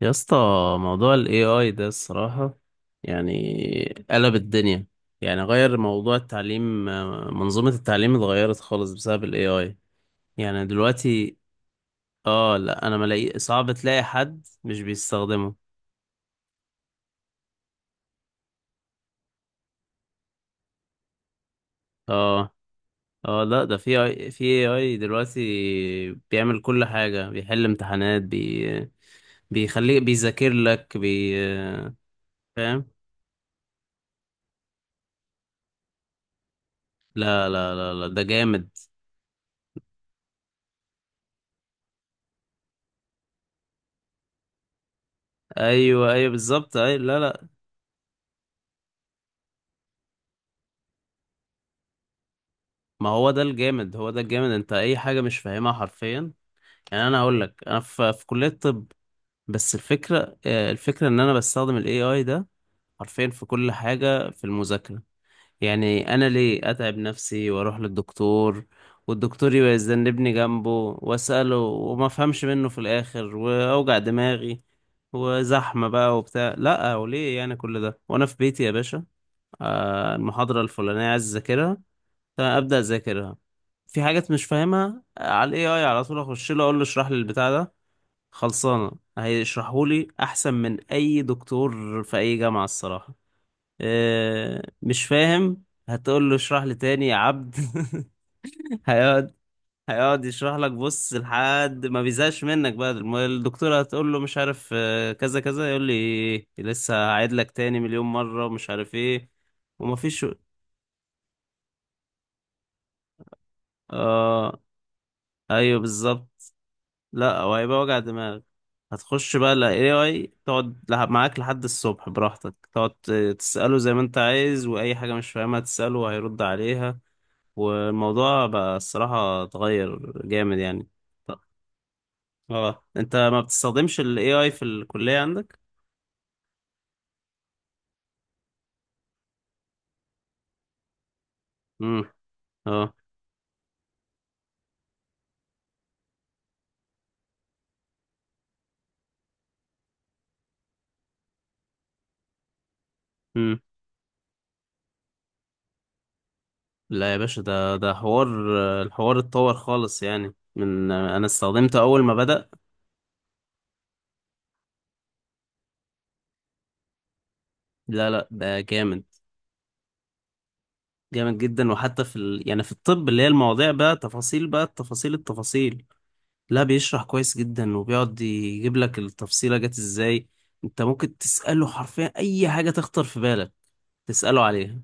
يا اسطى، موضوع ال AI ده الصراحة يعني قلب الدنيا. يعني غير موضوع التعليم، منظومة التعليم اتغيرت خالص بسبب ال AI. يعني دلوقتي اه، لا انا ملاقي صعب تلاقي حد مش بيستخدمه. اه اه لا، ده في AI، في AI دلوقتي بيعمل كل حاجة، بيحل امتحانات بي، بيخليك بيذاكر لك بي. فاهم. لا، ده جامد. ايوه بالظبط، ايوه لا. ما هو ده الجامد، هو ده الجامد، انت اي حاجة مش فاهمها حرفيا. يعني انا هقول لك، انا في كلية طب. بس الفكرة الفكرة ان انا بستخدم الاي اي ده حرفيا في كل حاجة في المذاكرة. يعني انا ليه اتعب نفسي واروح للدكتور والدكتور يبقى يذنبني جنبه، واسأله وما افهمش منه في الاخر واوجع دماغي وزحمة بقى وبتاع؟ لا، وليه يعني كل ده وانا في بيتي يا باشا؟ المحاضرة الفلانية عايز اذاكرها، فابدا اذاكرها، في حاجات مش فاهمها، على الاي اي على طول اخش له اقول له اشرح لي البتاع ده، خلصانه. هيشرحه لي احسن من اي دكتور في اي جامعه الصراحه. أه مش فاهم، هتقول له اشرح لي تاني يا عبد. هيقعد، هيقعد يشرح لك، بص لحد ما بيزهقش منك بقى. الدكتوره هتقول له مش عارف، كذا كذا يقول لي لسه هعيد لك تاني 1000000 مره ومش عارف ايه. ومفيش. اه ايوه بالظبط. لا هو هيبقى وجع دماغ. هتخش بقى ال AI تقعد معاك لحد الصبح براحتك، تقعد تسأله زي ما انت عايز، وأي حاجة مش فاهمها تسأله وهيرد عليها. والموضوع بقى الصراحة اتغير جامد يعني. طب- اه، انت ما بتستخدمش ال AI في الكلية عندك؟ امم. اه. امم. لا يا باشا، ده ده حوار. الحوار اتطور خالص يعني من انا استخدمته اول ما بدأ. لا، ده جامد، جامد جدا. وحتى يعني في الطب اللي هي المواضيع بقى تفاصيل بقى، التفاصيل التفاصيل. لا بيشرح كويس جدا، وبيقعد يجيب لك التفصيلة جت ازاي. انت ممكن تسأله حرفيا اي حاجة تخطر في بالك، تسأله عليها.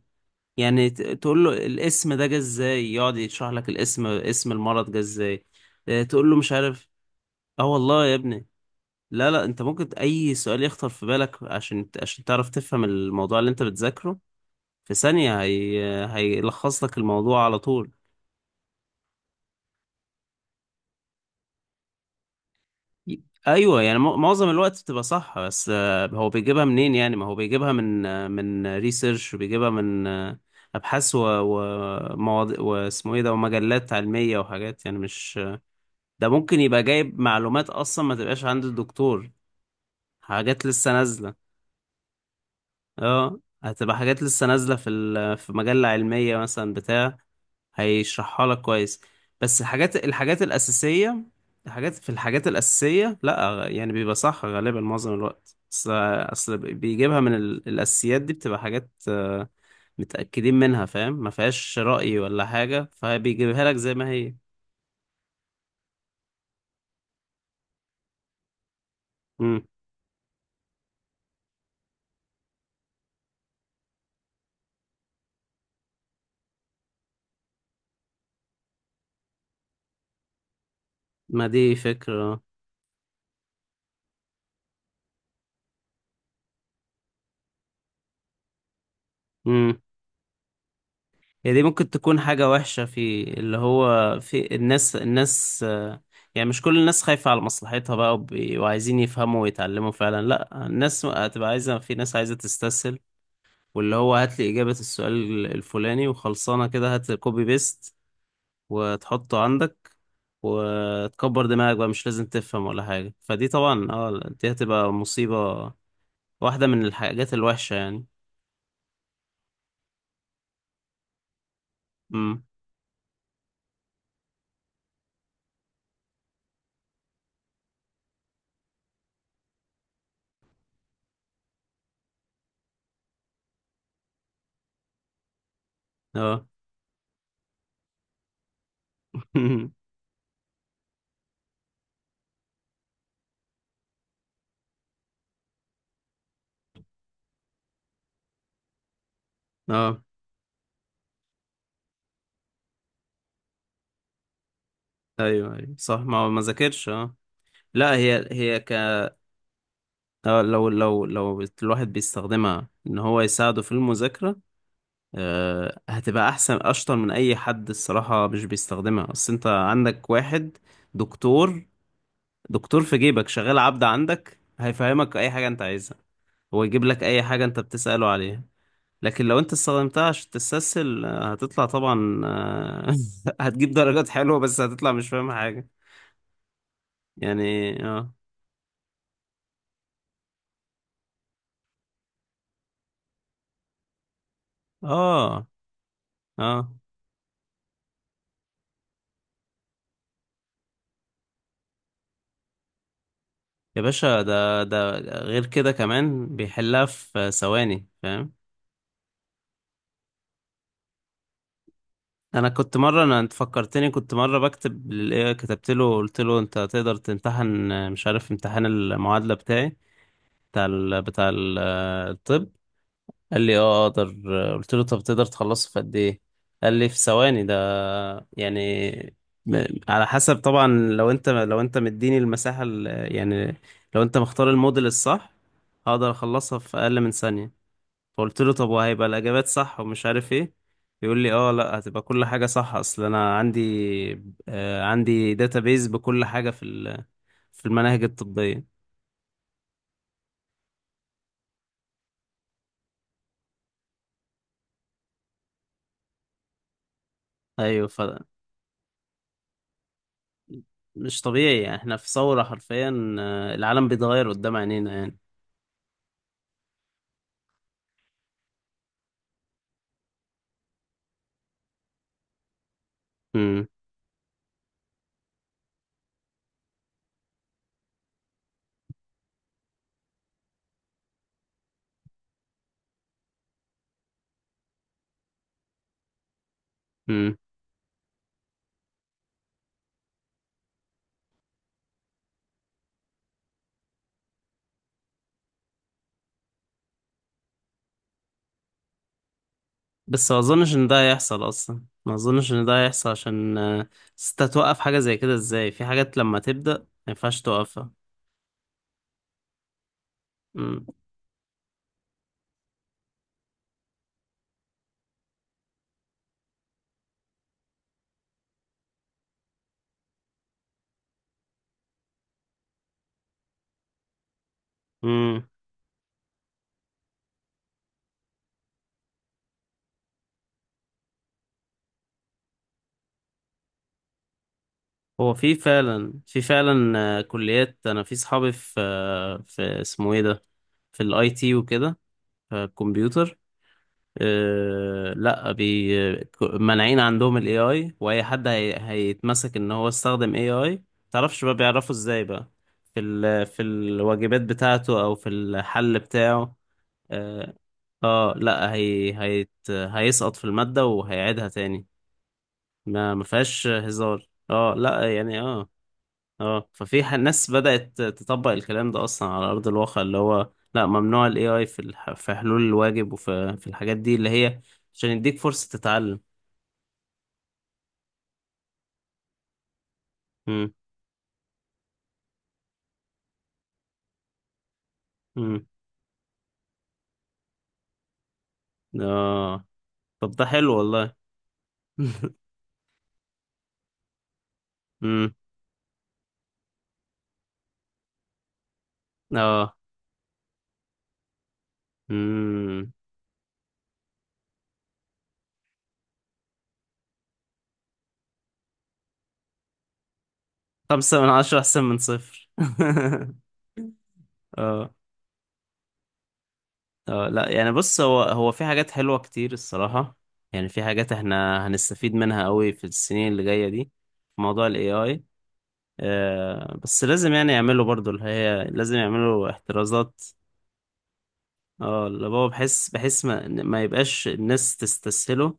يعني تقول له الاسم ده جه ازاي، يقعد يشرح لك الاسم، اسم المرض جه ازاي. اه، تقول له مش عارف. اه والله يا ابني. لا، انت ممكن اي سؤال يخطر في بالك عشان عشان تعرف تفهم الموضوع اللي انت بتذاكره. في ثانية هي... هيلخص لك الموضوع على طول. ايوه، يعني معظم الوقت بتبقى صح، بس هو بيجيبها منين؟ يعني ما هو بيجيبها من من ريسيرش، وبيجيبها من ابحاث ومواضيع واسمه ايه ده، ومجلات علميه وحاجات يعني مش، ده ممكن يبقى جايب معلومات اصلا ما تبقاش عند الدكتور، حاجات لسه نازله. اه هتبقى حاجات لسه نازله في في مجله علميه مثلا بتاع. هيشرحها لك كويس. بس الحاجات، الحاجات الأساسية الحاجات في الحاجات الأساسية، لا يعني بيبقى صح غالبا معظم الوقت. أصل بيجيبها من الأساسيات دي، بتبقى حاجات متأكدين منها، فاهم؟ ما فيهاش رأي ولا حاجة، فبيجيبها لك زي ما هي. مم. ما دي فكرة. مم. هي دي ممكن تكون حاجة وحشة، في اللي هو في الناس، يعني مش كل الناس خايفة على مصلحتها بقى، وعايزين يفهموا ويتعلموا فعلا. لا، الناس هتبقى عايزة، في ناس عايزة تستسهل، واللي هو هات لي إجابة السؤال الفلاني وخلصانة كده، هات كوبي بيست وتحطه عندك وتكبر دماغك بقى، مش لازم تفهم ولا حاجة. فدي طبعا اه، دي هتبقى مصيبة، واحدة من الحاجات الوحشة يعني. امم. اه. اه. ايوه صح، ما هو ما ذاكرش. اه لا، هي هي ك لو الواحد بيستخدمها ان هو يساعده في المذاكرة، هتبقى احسن، اشطر من اي حد الصراحة مش بيستخدمها. اصل انت عندك واحد دكتور، دكتور في جيبك شغال عبد عندك، هيفهمك اي حاجة انت عايزها، هو يجيب لك اي حاجة انت بتسأله عليها. لكن لو انت استخدمتها عشان تستسهل، هتطلع طبعا هتجيب درجات حلوة بس هتطلع مش فاهم حاجة. يعني اه. اه. اه يا باشا، ده ده غير كده، كمان بيحلها في ثواني، فاهم؟ انا كنت مره، انا انت فكرتني، كنت مره بكتب للايه، كتبت له قلت له انت تقدر تمتحن مش عارف امتحان المعادله بتاعي، بتاع ال... بتاع ال... الطب؟ قال لي اه اقدر. قلت له طب تقدر تخلصه في قد ايه؟ قال لي في ثواني ده، يعني على حسب طبعا، لو انت مديني المساحه، يعني لو انت مختار الموديل الصح هقدر اخلصها في اقل من ثانيه. فقلت له طب وهيبقى الإجابات صح ومش عارف إيه؟ يقول لي اه لا هتبقى كل حاجة صح، أصل أنا عندي آه عندي داتابيز بكل حاجة في في المناهج الطبية. أيوه، طبيعي يعني، إحنا في ثورة حرفيا، العالم بيتغير قدام عينينا يعني. امم. امم. بس ما أظنش إن ده هيحصل أصلا، ما أظنش إن ده هيحصل عشان أصل أنت توقف حاجة زي كده إزاي؟ في حاجات لما تبدأ ما ينفعش توقفها. امم. هو في فعلا كليات انا في صحابي في في اسمه ايه ده، في الاي تي وكده، في الكمبيوتر، لا مانعين عندهم الاي اي، واي حد هي هيتمسك ان هو استخدم اي اي، متعرفش بقى بيعرفوا ازاي بقى، في الواجبات بتاعته او في الحل بتاعه. اه لا هي هيسقط في المادة وهيعيدها تاني، ما ما فيهاش هزار اه، لا يعني اه. اه ففي ح- ناس بدأت تطبق الكلام ده اصلا على ارض الواقع، اللي هو لا ممنوع الاي اي في في حلول الواجب وفي في الحاجات دي اللي هي عشان يديك فرصة تتعلم. امم. امم. اه. طب ده حلو والله. امم. اه. امم. 5 من 10 احسن من صفر. اه. اه لا يعني بص، هو هو في حاجات حلوة كتير الصراحة، يعني في حاجات احنا هنستفيد منها قوي في السنين اللي جاية دي في موضوع ال AI. بس لازم يعني يعملوا برضو اللي هي لازم يعملوا احترازات، اه اللي هو، بحس بحس ما يبقاش الناس تستسهله،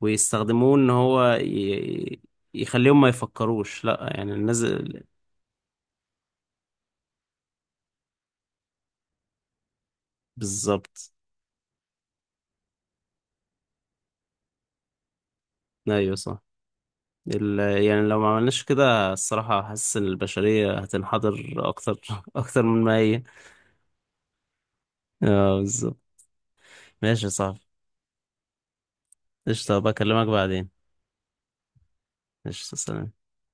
ويستخدموه ان يخليهم ما يفكروش. لا يعني الناس، بالظبط. ايوه صح. يعني لو ما عملناش كده الصراحة حاسس ان البشرية هتنحدر اكتر، اكتر من ما هي. اه بالظبط. ماشي يا صاحبي. قشطة، بكلمك بعدين. قشطة، سلام.